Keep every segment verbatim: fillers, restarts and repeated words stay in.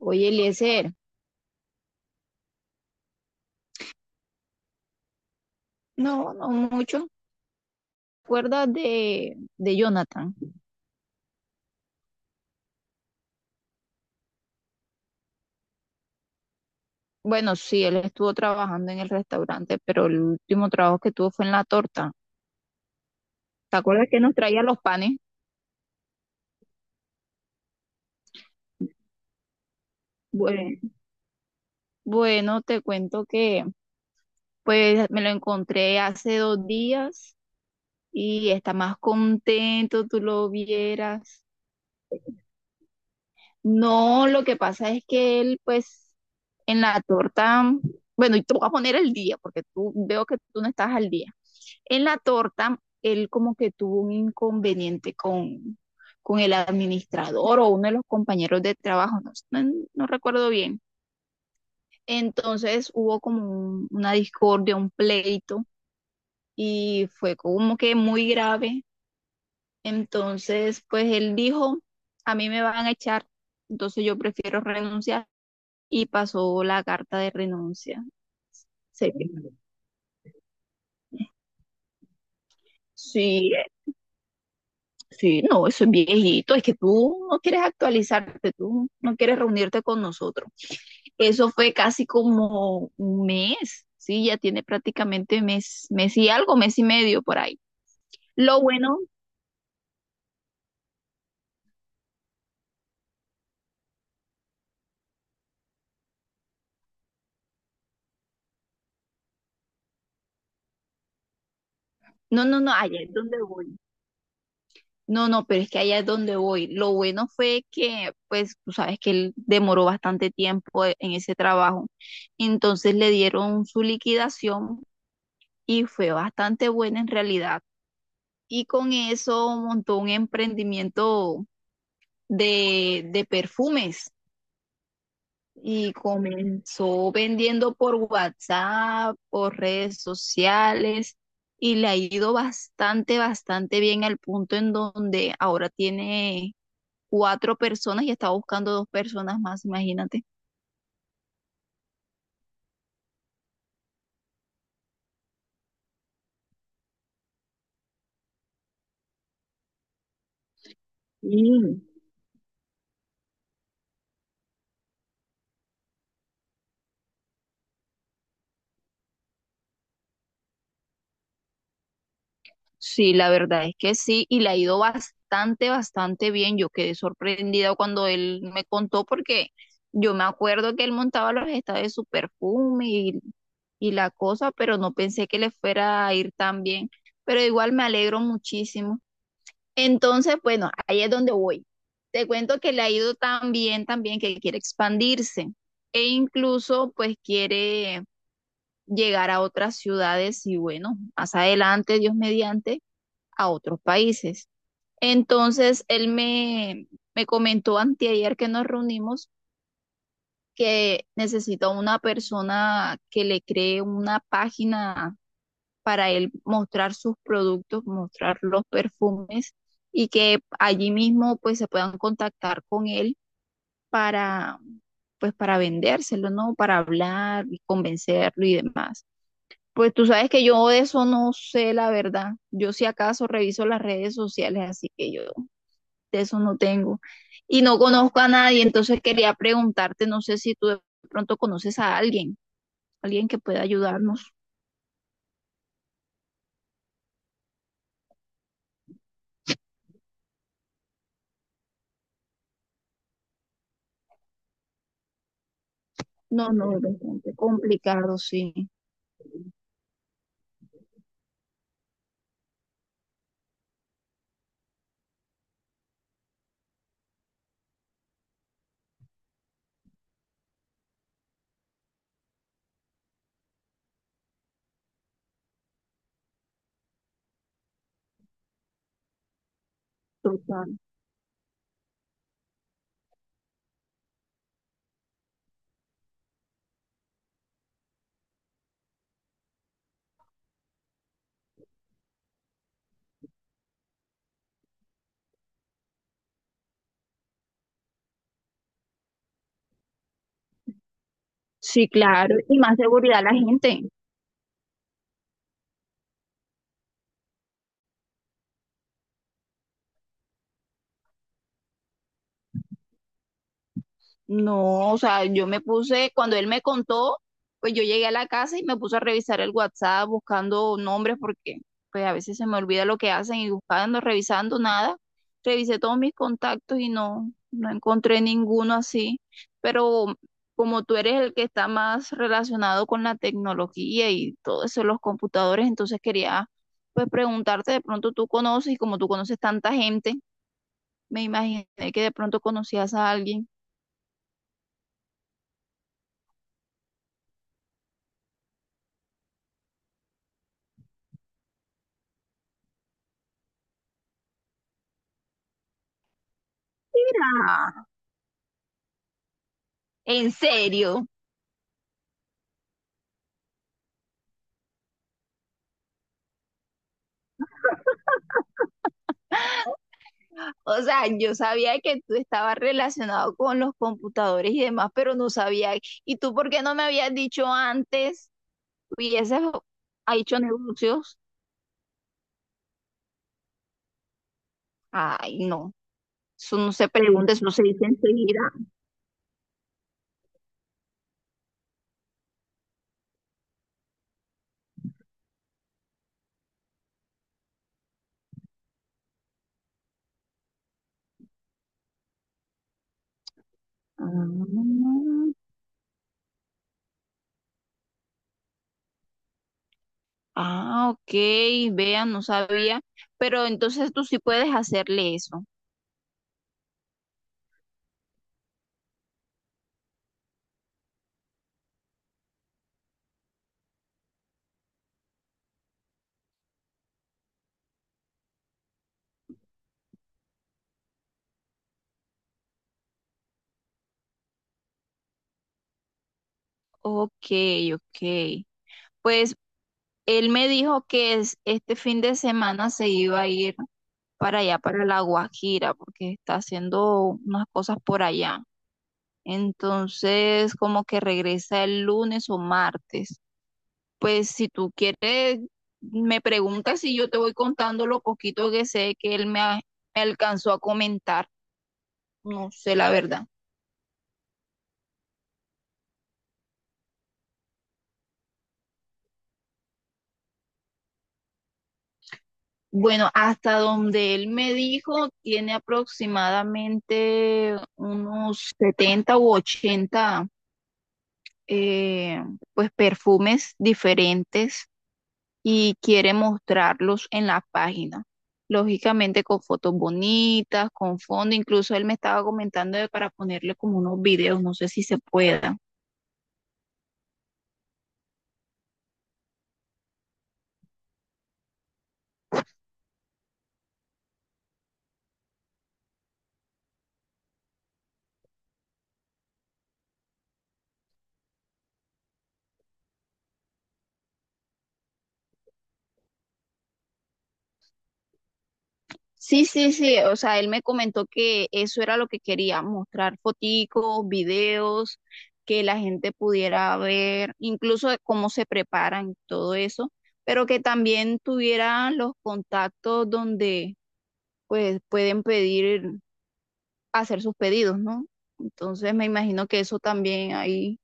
Oye, Eliezer, no, no mucho. ¿Te acuerdas de, de Jonathan? Bueno, sí, él estuvo trabajando en el restaurante, pero el último trabajo que tuvo fue en la torta. ¿Te acuerdas que nos traía los panes? Bueno, bueno, te cuento que pues me lo encontré hace dos días y está más contento, tú lo vieras. No, lo que pasa es que él pues en la torta, bueno, y te voy a poner el día, porque tú veo que tú no estás al día. En la torta, él como que tuvo un inconveniente con, con el administrador o uno de los compañeros de trabajo, no, no- no recuerdo bien. Entonces hubo como un- una discordia, un pleito y fue como que muy grave. Entonces, pues él dijo, a mí me van a echar, entonces yo prefiero renunciar y pasó la carta de renuncia. Se- Sí, sí, no, eso es viejito, es que tú no quieres actualizarte, tú no quieres reunirte con nosotros. Eso fue casi como un mes, sí, ya tiene prácticamente mes, mes y algo, mes y medio por ahí. Lo bueno, no, no, no, allá es donde voy. No, no, pero es que allá es donde voy. Lo bueno fue que, pues, tú sabes que él demoró bastante tiempo e- en ese trabajo. Entonces le dieron su liquidación y fue bastante buena en realidad. Y con eso montó un emprendimiento de, de perfumes y comenzó vendiendo por WhatsApp, por redes sociales y le ha ido bastante, bastante bien al punto en donde ahora tiene cuatro personas y está buscando dos personas más, imagínate. Sí. Sí, la verdad es que sí, y le ha ido bastante, bastante bien. Yo quedé sorprendida cuando él me contó porque yo me acuerdo que él montaba los estados de su perfume y, y la cosa, pero no pensé que le fuera a ir tan bien. Pero igual me alegro muchísimo. Entonces, bueno, ahí es donde voy. Te cuento que le ha ido tan bien, tan bien que quiere expandirse e incluso pues quiere llegar a otras ciudades y bueno, más adelante, Dios mediante, a otros países. Entonces, él me, me comentó anteayer que nos reunimos que necesita una persona que le cree una página para él mostrar sus productos, mostrar los perfumes y que allí mismo pues se puedan contactar con él para pues para vendérselo, ¿no? Para hablar y convencerlo y demás. Pues tú sabes que yo de eso no sé la verdad. Yo si acaso reviso las redes sociales, así que yo de eso no tengo. Y no conozco a nadie, entonces quería preguntarte, no sé si tú de pronto conoces a alguien, alguien que pueda ayudarnos. No, no, es bastante complicado, sí, total. Sí, claro, y más seguridad a la gente. No, o sea, yo me puse, cuando él me contó, pues yo llegué a la casa y me puse a revisar el WhatsApp buscando nombres porque pues a veces se me olvida lo que hacen y buscando, revisando nada. Revisé todos mis contactos y no, no encontré ninguno así. Pero como tú eres el que está más relacionado con la tecnología y todo eso, los computadores, entonces quería pues preguntarte, de pronto tú conoces y como tú conoces tanta gente, me imaginé que de pronto conocías a alguien. Mira. En serio. O sea, yo sabía que tú estabas relacionado con los computadores y demás, pero no sabía. ¿Y tú por qué no me habías dicho antes? Hubieses ha hecho negocios. Ay, no. Eso no se pregunta, eso se dice enseguida. Ah, ah, ok. Vean, no sabía. Pero entonces tú sí puedes hacerle eso. Ok, ok. Pues él me dijo que es- este fin de semana se iba a ir para allá, para La Guajira, porque está haciendo unas cosas por allá. Entonces, como que regresa el lunes o martes. Pues si tú quieres, me preguntas si yo te voy contando lo poquito que sé que él me, ha- me alcanzó a comentar. No sé la verdad. Bueno, hasta donde él me dijo, tiene aproximadamente unos setenta u ochenta, eh, pues perfumes diferentes y quiere mostrarlos en la página. Lógicamente con fotos bonitas, con fondo, incluso él me estaba comentando de para ponerle como unos videos, no sé si se pueda. Sí, sí, sí, o sea, él me comentó que eso era lo que quería, mostrar foticos, videos, que la gente pudiera ver, incluso de cómo se preparan, todo eso, pero que también tuvieran los contactos donde pues pueden pedir, hacer sus pedidos, ¿no? Entonces me imagino que eso también hay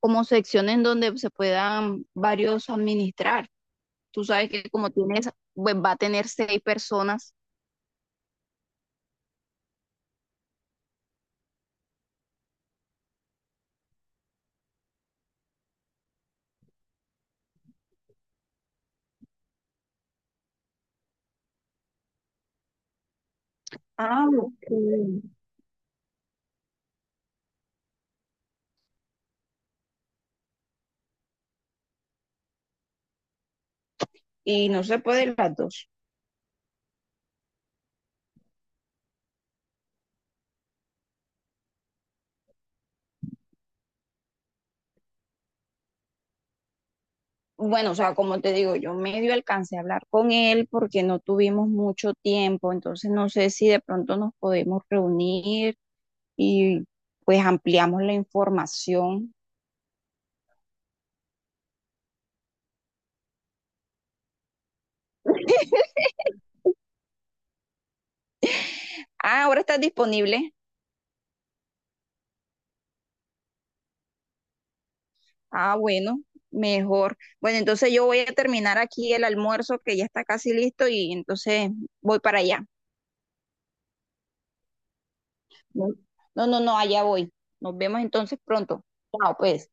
como secciones donde se puedan varios administrar. Tú sabes que como tienes, pues va a tener seis personas. Ah, ok. Y no se pueden las dos. Bueno, o sea, como te digo, yo medio alcancé a hablar con él porque no tuvimos mucho tiempo, entonces no sé si de pronto nos podemos reunir y pues ampliamos la información. Ah, ahora estás disponible. Ah, bueno, mejor. Bueno, entonces yo voy a terminar aquí el almuerzo que ya está casi listo y entonces voy para allá. No, no, no, no, allá voy. Nos vemos entonces pronto. Chao, pues.